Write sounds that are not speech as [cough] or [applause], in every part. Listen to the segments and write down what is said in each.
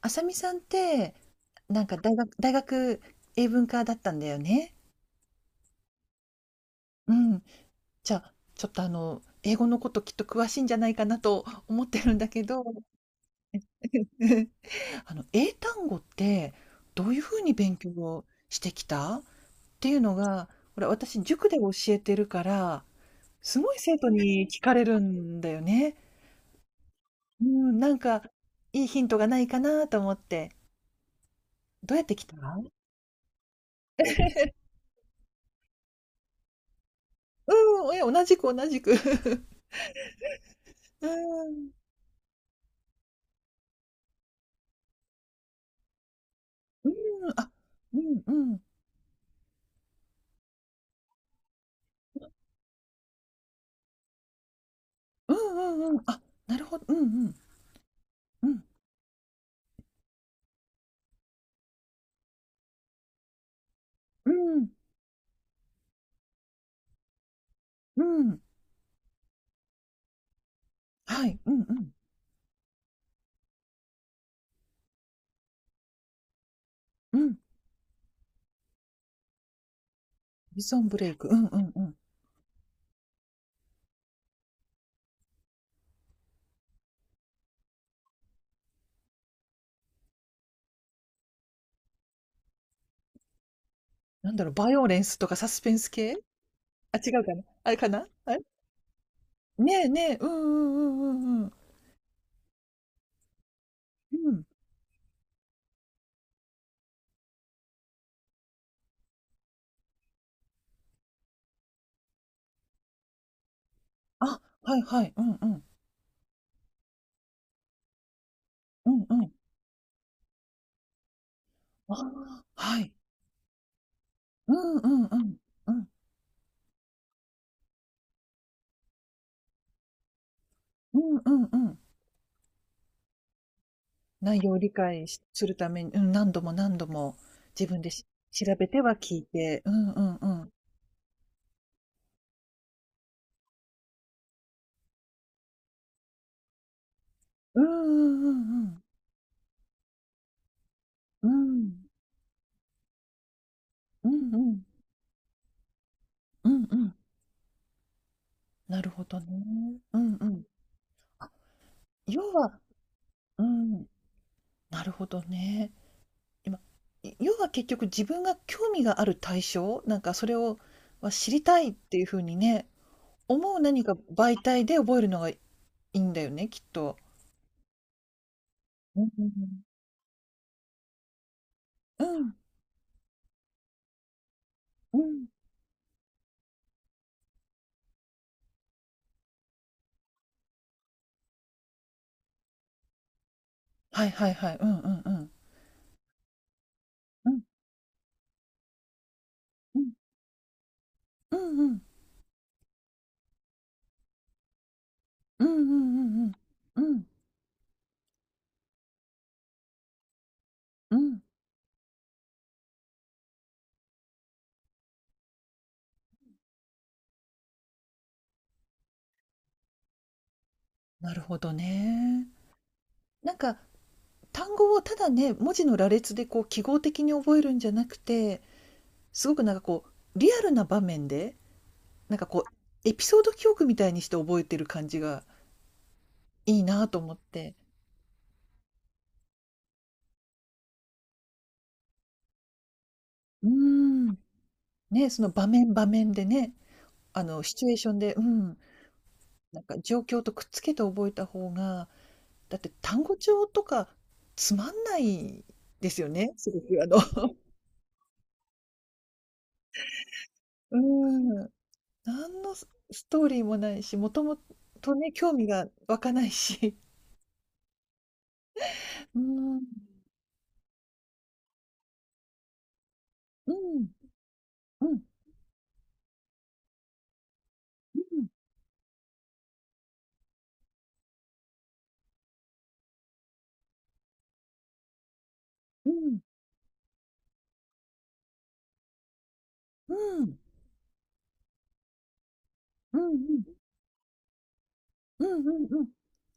あさみさんって、なんか大学英文科だったんだよね。うん。じゃあ、ちょっと英語のこときっと詳しいんじゃないかなと思ってるんだけど、[laughs] 英単語ってどういうふうに勉強をしてきたっていうのが、これ私塾で教えてるから、すごい生徒に聞かれるんだよね。うん、なんかいいヒントがないかなと思って。どうやってきたうん、同じく同じく。[laughs] うん、うーん、あ、うんうん。うんうんうん。あ、なるほど。うんうん。うん。うん。うん。はい。うんうん。うん。ビジョンブレイク。うんうんうん。なんだろう、バイオレンスとかサスペンス系？あ、違うかな？あれかな？あれ？ねえねえ。うんうんうんうんうん。うん。あ、はいはい。うんうん。うんうん。ああ、はい。うんうんうん。うんあはい、うんうんうん。内容を理解しするために、うん、何度も何度も自分で調べては聞いて。うんうんうん。うんうんうんうん。うん。うんうん。うんうん。なるほどね。うんうん。要はうん、なるほどね。今、要は結局自分が興味がある対象、なんかそれをは知りたいっていう風にね、思う何か媒体で覚えるのがいいんだよね、きっと。うんうんうん。うん、うん。はいはいはい。うんうんうん。うんうん。うんうん。うんうんうんうん。うん。うん。なるほどね。なんか単語をただね、文字の羅列でこう記号的に覚えるんじゃなくて、すごくなんかこうリアルな場面でなんかこうエピソード記憶みたいにして覚えてる感じがいいなと思って。うーん。ね、その場面場面でね、あのシチュエーションで、うん、なんか状況とくっつけて覚えた方が、だって単語帳とかつまんないですよね、すごくあの [laughs] うん。[laughs] 何のストーリーもないし、もともとね、興味が湧かないし。うーん、うん、うん、うん、うん、うん、うん、うん、うん、うん、うん。うん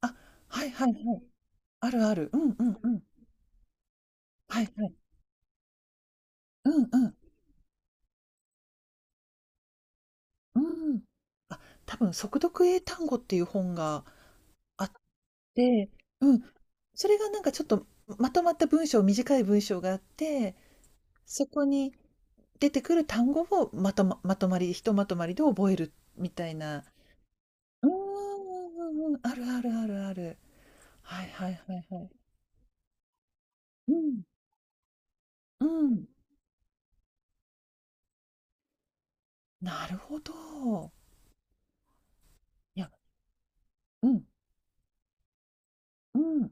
あ、はいはいはい。あるある。うんうんうん。はいはい。うんうん。うん。あ、多分速読英単語っていう本があって、うん。それがなんかちょっとまとまった文章、短い文章があって、そこに出てくる単語をまとまり、ひとまとまりで覚えるみたいな。うんうんうんうん。あるあるあるある。はいはいはいはい。うん、うん。なるほど。いや、うん、うん。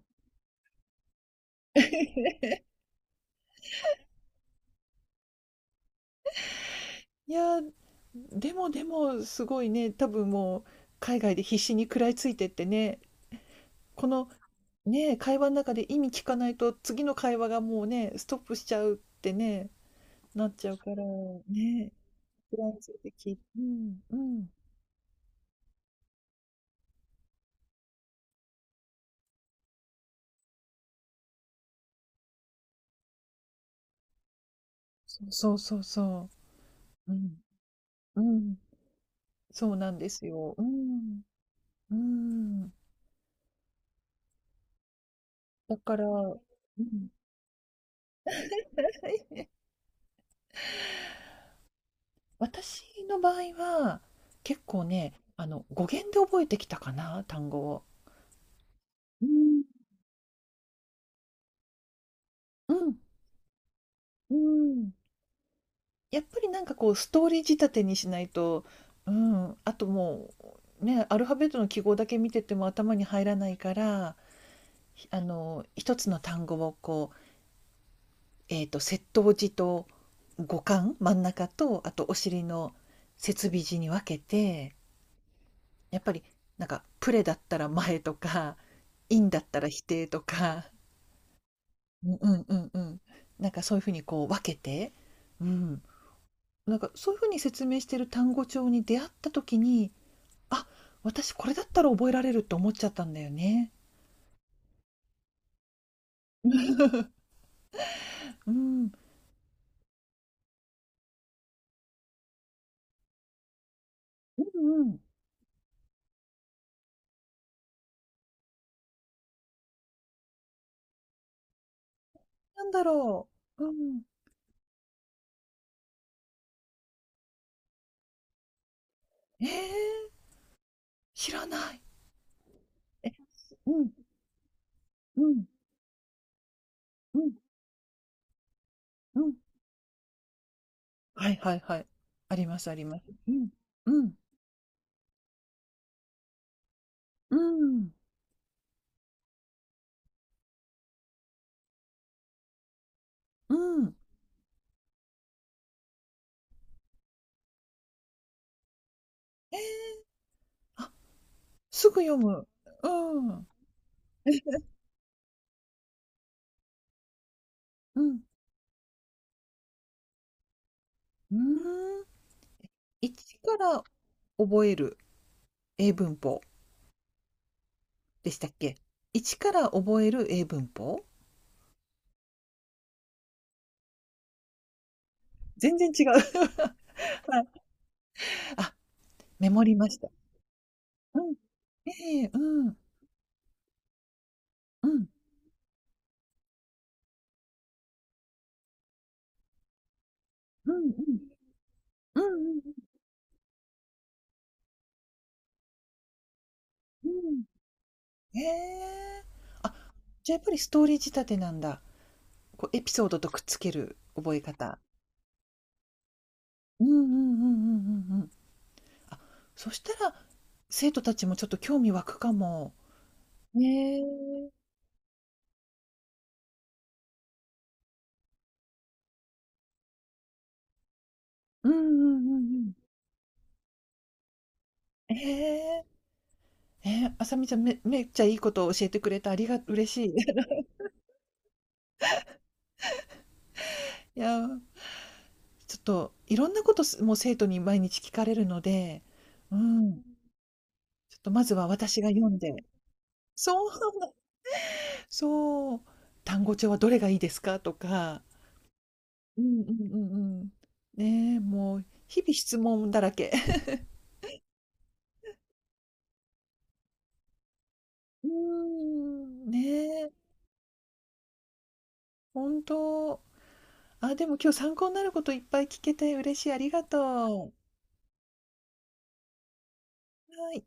[laughs] いや、でもすごいね、多分もう海外で必死に食らいついてってね、このね、会話の中で意味聞かないと次の会話がもうね、ストップしちゃうってね、なっちゃうから、ね、食らいついてき、うんうん。そうそうそうそう。うん、うん。そうなんですよ。うん、うん。だから、うん。[laughs] 私の場合は、結構ね、語源で覚えてきたかな、単語を。うん。うん、うん。やっぱりなんかこうストーリー仕立てにしないと、うん、あともう、ね、アルファベットの記号だけ見てても頭に入らないから、ひあの、一つの単語をこう、接頭字と語幹、真ん中と、あとお尻の接尾字に分けて、やっぱりなんかプレだったら前とか、[laughs] インだったら否定とか、うんうんうんうん。なんかそういうふうにこう分けて、うん。なんかそういうふうに説明してる単語帳に出会った時に、あ、私これだったら覚えられるって思っちゃったんだよね。[laughs] うん。うんうん。なんだろう。うん。えー知らない。え、うん、うん、うん、うん。はいはいはい。ありますあります。うん、うん、うん、うん。ええ。すぐ読む。うん。うん。うーん。一から覚える英文法でしたっけ？一から覚える英文法？全然違う。[laughs] はい。あ、メモりました。うん。ええ、うん。うん。うんうん。うんうんうん。うんうんうんうん、へえ。あ、じゃ、やっぱりストーリー仕立てなんだ。こうエピソードとくっつける覚え方。うんうんうんうんうんうん。あ、そしたら、生徒たちもちょっと興味湧くかも。ねえ。うんうんうんうん。ええ、ねあさみちゃん、めっちゃいいことを教えてくれてありが嬉しい。[laughs] いやー、ちょっといろんなこともう生徒に毎日聞かれるので、うん、ちょっとまずは私が読んで、そう、そう、単語帳はどれがいいですかとか、うんうんうんうん。ねえ、もう日々質問だらけ。うーん、ねえ、ほんあ、でも今日参考になることいっぱい聞けて嬉しい、ありがとう。はい。